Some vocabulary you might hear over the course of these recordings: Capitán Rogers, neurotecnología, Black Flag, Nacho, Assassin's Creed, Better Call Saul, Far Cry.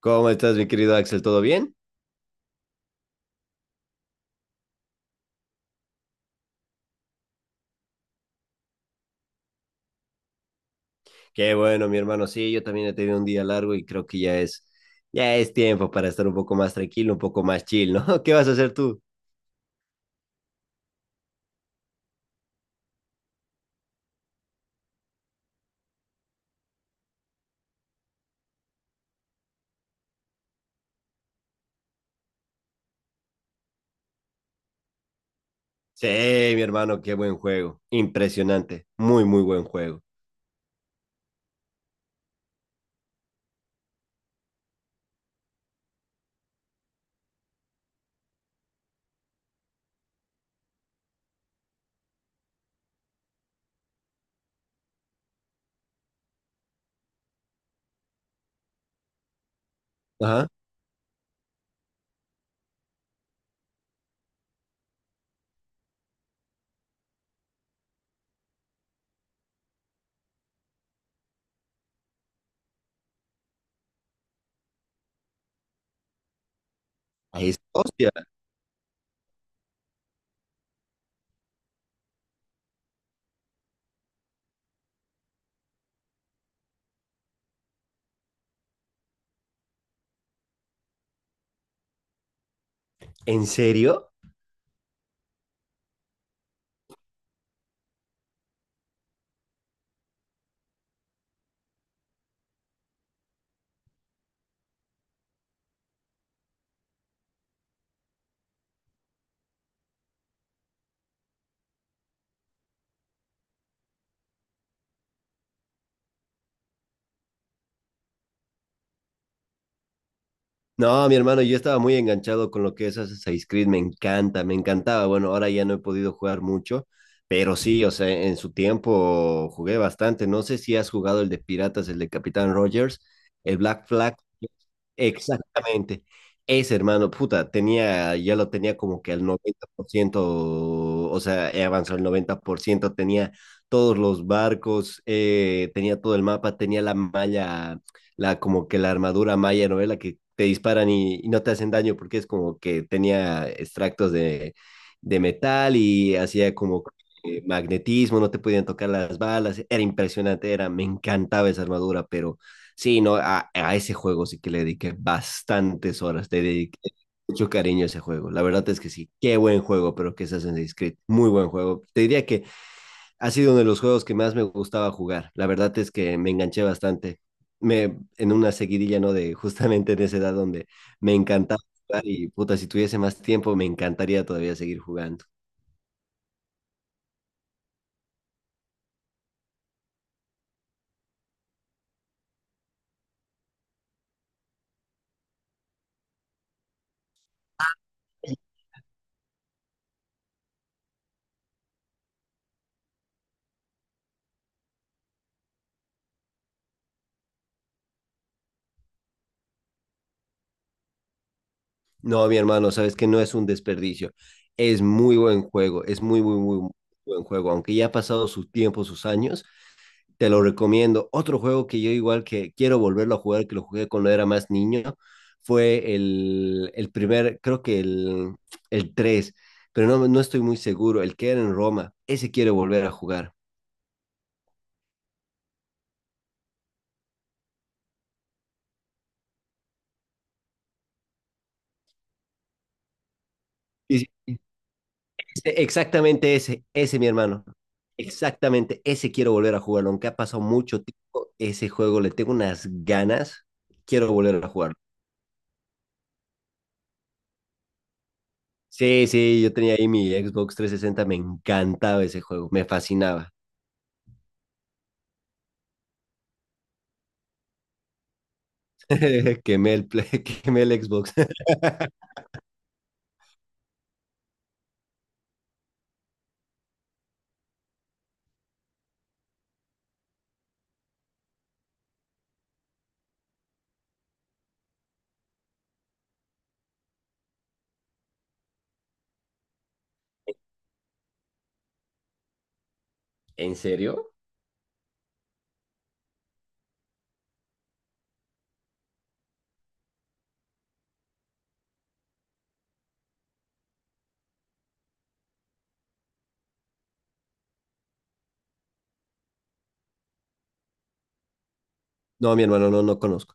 ¿Cómo estás, mi querido Axel? ¿Todo bien? Qué bueno, mi hermano. Sí, yo también he tenido un día largo y creo que ya es tiempo para estar un poco más tranquilo, un poco más chill, ¿no? ¿Qué vas a hacer tú? Sí, mi hermano, qué buen juego. Impresionante. Muy, muy buen juego. Ajá. Es, hostia. ¿En serio? No, mi hermano, yo estaba muy enganchado con lo que es Assassin's Creed, me encanta, me encantaba. Bueno, ahora ya no he podido jugar mucho, pero sí, o sea, en su tiempo jugué bastante. No sé si has jugado el de Piratas, el de Capitán Rogers, el Black Flag. Exactamente. Ese hermano, puta, tenía, ya lo tenía como que al 90%, o sea, he avanzado al 90%, tenía todos los barcos, tenía todo el mapa, tenía la malla la como que la armadura maya, ¿no? La que te disparan y no te hacen daño porque es como que tenía extractos de metal y hacía como magnetismo, no te podían tocar las balas, era impresionante, era, me encantaba esa armadura, pero sí, no, a ese juego sí que le dediqué bastantes horas, te dediqué mucho cariño a ese juego, la verdad es que sí, qué buen juego, pero que se hacen Creed, muy buen juego, te diría que ha sido uno de los juegos que más me gustaba jugar. La verdad es que me enganché bastante. Me, en una seguidilla, ¿no? De justamente en esa edad donde me encantaba jugar y puta, si tuviese más tiempo me encantaría todavía seguir jugando. No, mi hermano, sabes que no es un desperdicio. Es muy buen juego, es muy, muy, muy buen juego. Aunque ya ha pasado su tiempo, sus años, te lo recomiendo. Otro juego que yo igual que quiero volverlo a jugar, que lo jugué cuando era más niño, fue el primer, creo que el 3 pero no, no estoy muy seguro, el que era en Roma, ese quiero volver a jugar. Y- Ese- exactamente ese, ese mi hermano, exactamente ese quiero volver a jugarlo, aunque ha pasado mucho tiempo, ese juego le tengo unas ganas, quiero volver a jugarlo. Sí, sí, yo tenía ahí mi Xbox 360 me encantaba ese juego, me fascinaba. Quemé el, Play- quemé el Xbox. ¿En serio? No, mi hermano, no, no conozco.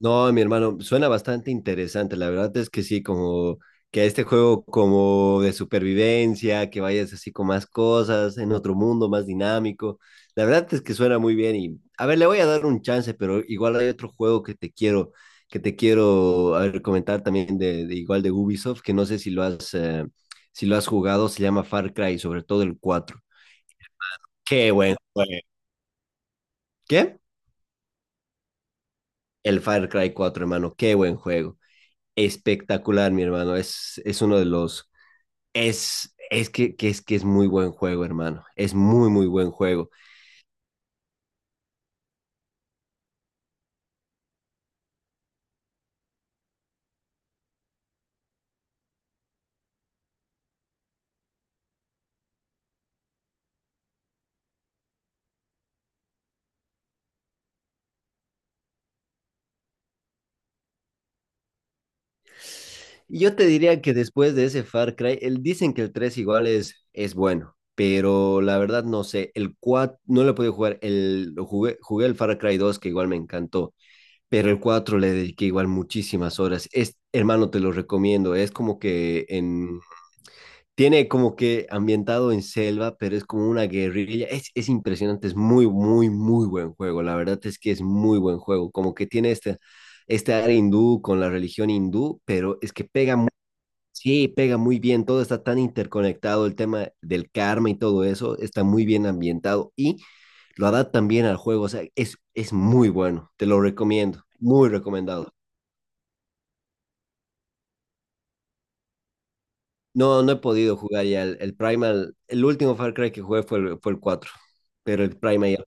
No, mi hermano, suena bastante interesante. La verdad es que sí, como que este juego como de supervivencia, que vayas así con más cosas, en otro mundo más dinámico. La verdad es que suena muy bien y, a ver, le voy a dar un chance, pero igual hay otro juego que te quiero, a ver, comentar también de igual de Ubisoft, que no sé si lo has, si lo has jugado, se llama Far Cry, sobre todo el 4. Qué bueno. ¿Qué? El Far Cry 4, hermano, qué buen juego. Espectacular, mi hermano. Es uno de los... Es, es que es muy buen juego, hermano. Es muy, muy buen juego. Y yo te diría que después de ese Far Cry, el, dicen que el 3 igual es bueno, pero la verdad no sé. El 4 no lo pude jugar. El, lo jugué, jugué el Far Cry 2 que igual me encantó, pero el 4 le dediqué igual muchísimas horas. Es, hermano, te lo recomiendo. Es como que en Tiene como que ambientado en selva, pero es como una guerrilla. Es impresionante, es muy, muy, muy buen juego. La verdad es que es muy buen juego. Como que tiene este, este área hindú con la religión hindú, pero es que pega muy, sí, pega muy bien. Todo está tan interconectado, el tema del karma y todo eso está muy bien ambientado y lo adaptan bien al juego. O sea, es muy bueno. Te lo recomiendo, muy recomendado. No, no he podido jugar ya el Primal. El último Far Cry que jugué fue el 4 pero el Primal ya.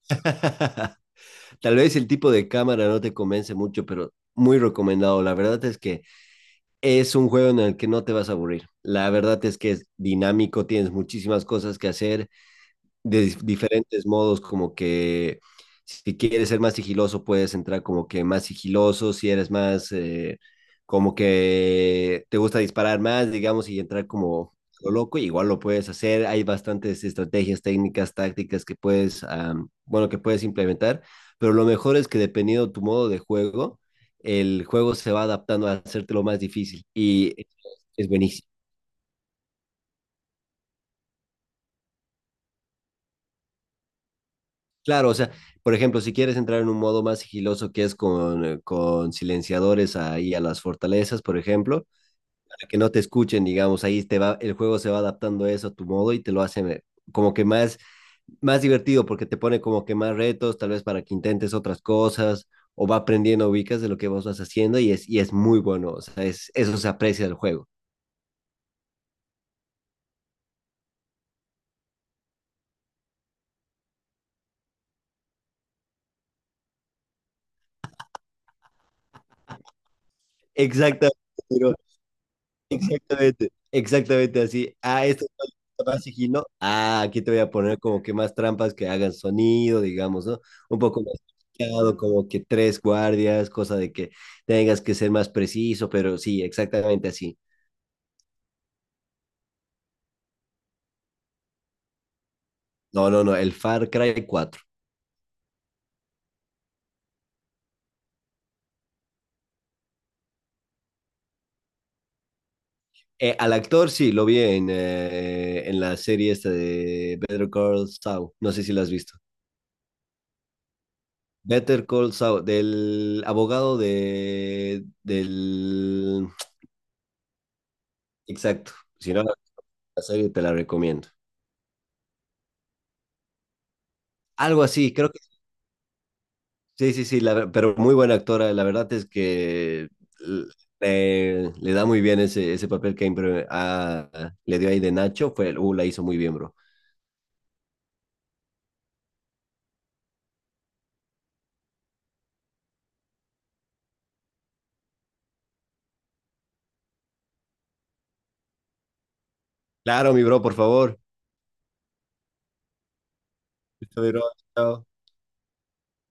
Tal vez el tipo de cámara no te convence mucho, pero muy recomendado. La verdad es que es un juego en el que no te vas a aburrir. La verdad es que es dinámico, tienes muchísimas cosas que hacer de dif- diferentes modos, como que si quieres ser más sigiloso, puedes entrar como que más sigiloso, si eres más, como que te gusta disparar más, digamos, y entrar como lo loco, igual lo puedes hacer. Hay bastantes estrategias, técnicas, tácticas que puedes, bueno, que puedes implementar, pero lo mejor es que dependiendo tu modo de juego, el juego se va adaptando a hacértelo más difícil y es buenísimo. Claro, o sea, por ejemplo, si quieres entrar en un modo más sigiloso que es con silenciadores ahí a las fortalezas, por ejemplo, para que no te escuchen, digamos, ahí te va, el juego se va adaptando a eso a tu modo y te lo hace como que más, más divertido porque te pone como que más retos, tal vez para que intentes otras cosas o va aprendiendo, ubicas de lo que vos vas haciendo y es muy bueno, o sea, es, eso se aprecia del juego. Exactamente. Ciro. Exactamente, exactamente así. Ah, esto es más sigilo. Ah, aquí te voy a poner como que más trampas que hagan sonido, digamos, ¿no? Un poco más complicado, como que tres guardias, cosa de que tengas que ser más preciso, pero sí, exactamente así. No, no, no, el Far Cry cuatro al actor sí, lo vi en la serie esta de Better Call Saul. No sé si la has visto. Better Call Saul, del abogado de, del... Exacto. Si no, la serie te la recomiendo. Algo así, creo que sí, sí, sí, la ver- pero muy buena actora. La verdad es que l- le da muy bien ese, ese papel que impre- ah, le dio ahí de Nacho. Fue, la hizo muy bien, bro. Claro, mi bro, por favor. Listo, mi bro, chao.